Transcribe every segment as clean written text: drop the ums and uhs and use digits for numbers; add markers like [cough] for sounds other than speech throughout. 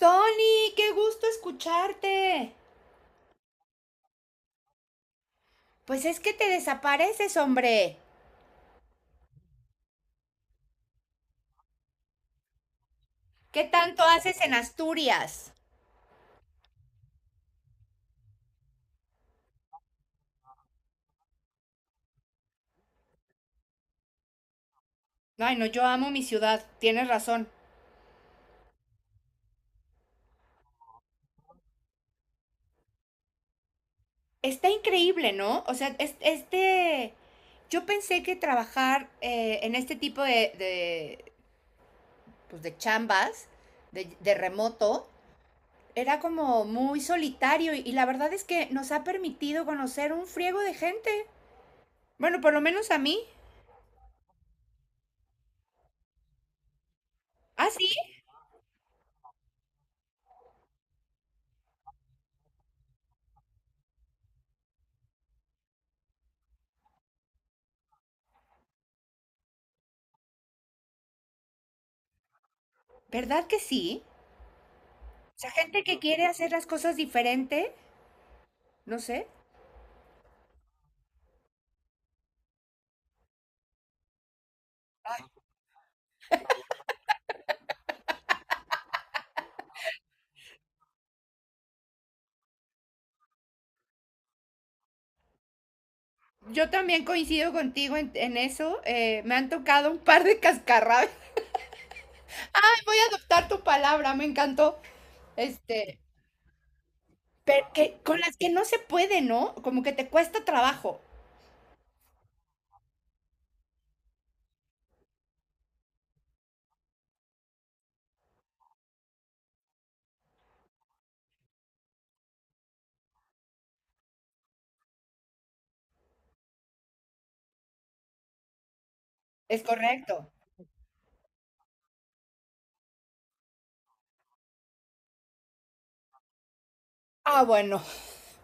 Tony, qué gusto escucharte. Pues es que te desapareces, hombre. ¿Qué tanto haces en Asturias? Ay, no, yo amo mi ciudad, tienes razón. Está increíble, ¿no? O sea, yo pensé que trabajar en este tipo de, pues, de chambas, de remoto, era como muy solitario y la verdad es que nos ha permitido conocer un friego de gente. Bueno, por lo menos a mí. Ah, sí, ¿verdad que sí? O sea, gente que quiere hacer las cosas diferente, no sé. Yo también coincido contigo en eso. Me han tocado un par de cascarrabias. [laughs] Ay, voy a adoptar tu palabra, me encantó. Este, pero que con las que no se puede, ¿no? Como que te cuesta trabajo. Es correcto. Ah, bueno.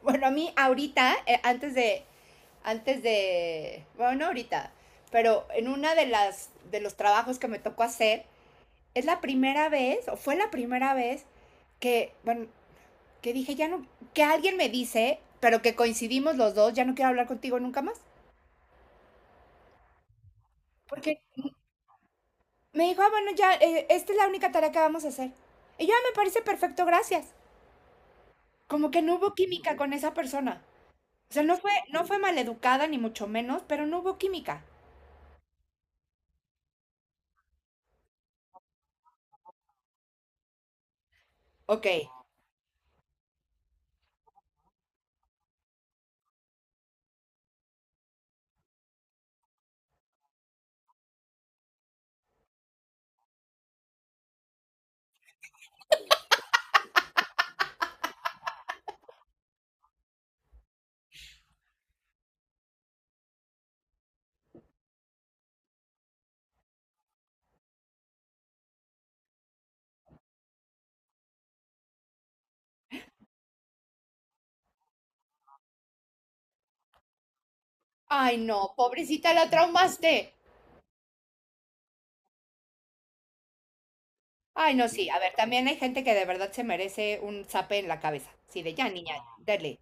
Bueno, a mí ahorita, bueno, no ahorita, pero en una de las, de los trabajos que me tocó hacer, es la primera vez, o fue la primera vez que, bueno, que dije, ya no, que alguien me dice, pero que coincidimos los dos, ya no quiero hablar contigo nunca más. Porque me dijo, ah, bueno, ya, esta es la única tarea que vamos a hacer. Y yo, ah, me parece perfecto, gracias. Como que no hubo química con esa persona. O sea, no fue maleducada, ni mucho menos, pero no hubo química. Ok. Ay, no, pobrecita, la traumaste. Ay, no, sí. A ver, también hay gente que de verdad se merece un zape en la cabeza. Sí, de ya, niña, dale.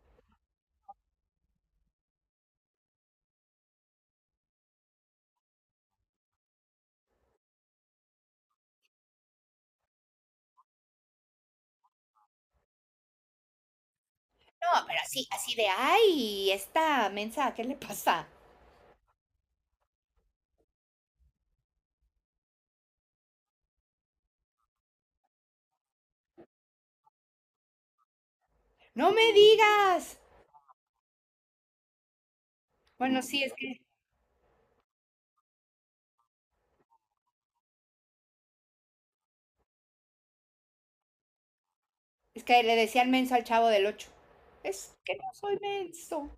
No, pero así, así de, ay, esta mensa, ¿qué le pasa? ¡No me digas! Bueno, sí, es que le decían menso al chavo del 8. Es que no soy menso.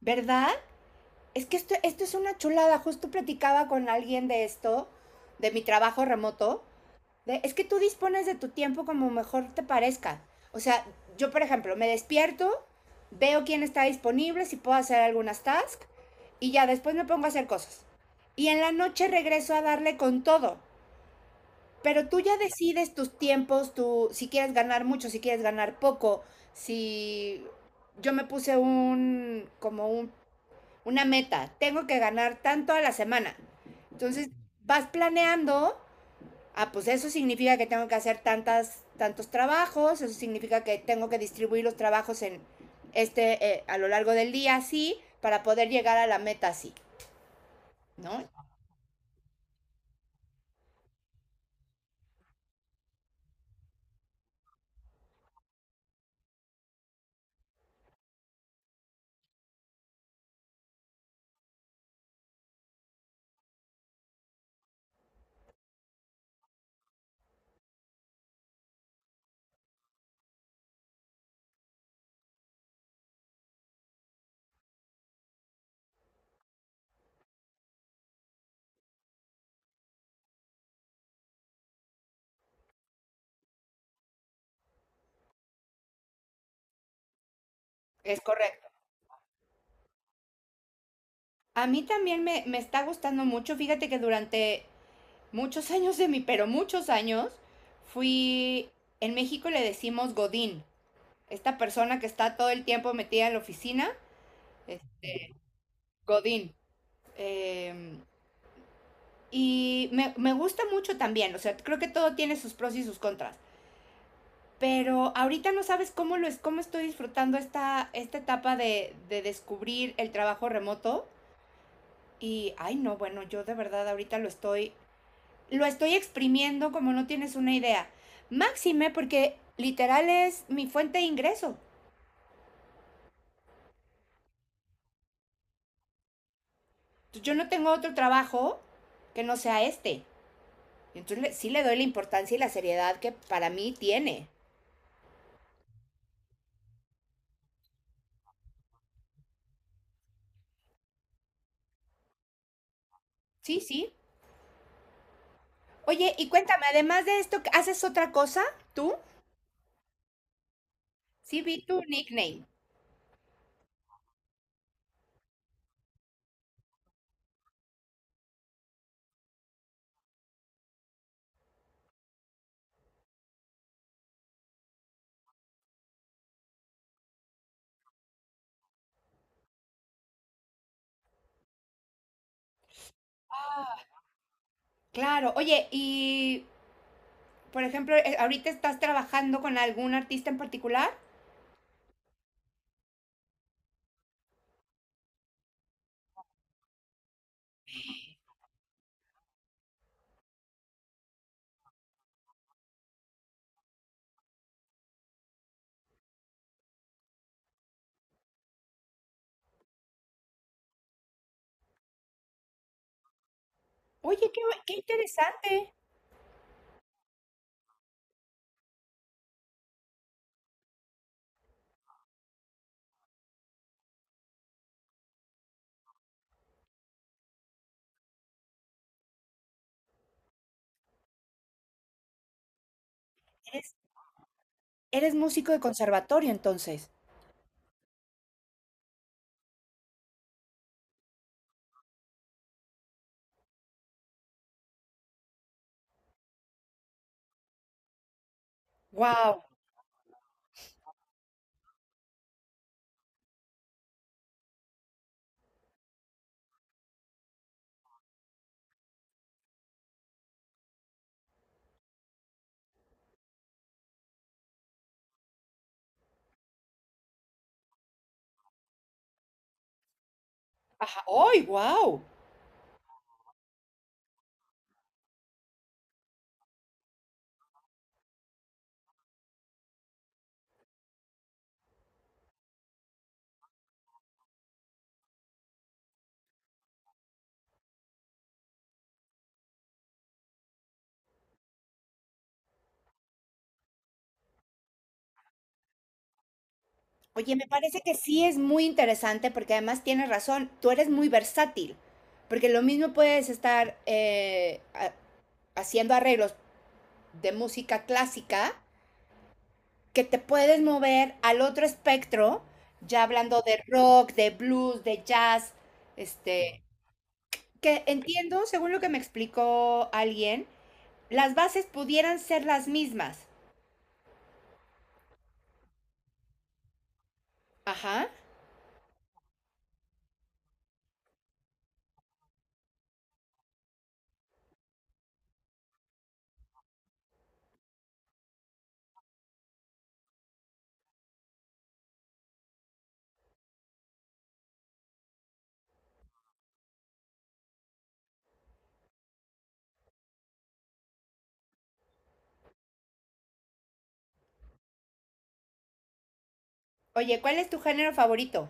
¿Verdad? Es que esto es una chulada. Justo platicaba con alguien de esto, de mi trabajo remoto. De- es que tú dispones de tu tiempo como mejor te parezca. O sea, yo, por ejemplo, me despierto, veo quién está disponible, si puedo hacer algunas tasks, y ya después me pongo a hacer cosas. Y en la noche regreso a darle con todo. Pero tú ya decides tus tiempos, tú, si quieres ganar mucho, si quieres ganar poco, si yo me puse una meta, tengo que ganar tanto a la semana. Entonces vas planeando, ah, pues eso significa que tengo que hacer tantos trabajos, eso significa que tengo que distribuir los trabajos en a lo largo del día así, para poder llegar a la meta así, ¿no? Es correcto. A mí también me está gustando mucho, fíjate que durante muchos años de mí, pero muchos años, fui, en México le decimos Godín, esta persona que está todo el tiempo metida en la oficina, es Godín. Eh, me gusta mucho también, o sea, creo que todo tiene sus pros y sus contras, pero ahorita no sabes cómo lo es, cómo estoy disfrutando esta etapa de descubrir el trabajo remoto. Y, ay, no, bueno, yo de verdad ahorita lo estoy exprimiendo como no tienes una idea. Máxime porque literal es mi fuente de ingreso. Yo no tengo otro trabajo que no sea este. Entonces sí le doy la importancia y la seriedad que para mí tiene. Sí, sí. Oye, y cuéntame, además de esto, ¿haces otra cosa tú? Sí, vi tu nickname. Claro. Oye, y por ejemplo, ahorita estás trabajando con algún artista en particular. Oye, qué, qué interesante. Eres, eres músico de conservatorio entonces. Wow. Ajá. ¡Ay, wow! Oye, me parece que sí es muy interesante porque además tienes razón, tú eres muy versátil, porque lo mismo puedes estar haciendo arreglos de música clásica, que te puedes mover al otro espectro, ya hablando de rock, de blues, de jazz, este, que entiendo, según lo que me explicó alguien, las bases pudieran ser las mismas. Ajá. Oye, ¿cuál es tu género favorito?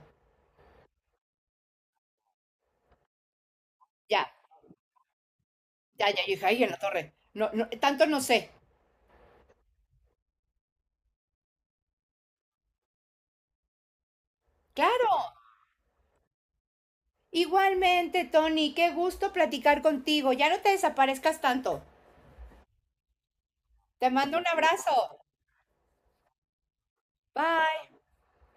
Ya. Ya, yo dije, ay, en la torre. No, no, tanto no sé. Claro. Igualmente, Tony, qué gusto platicar contigo. Ya no te desaparezcas tanto. Te mando un abrazo. Bye.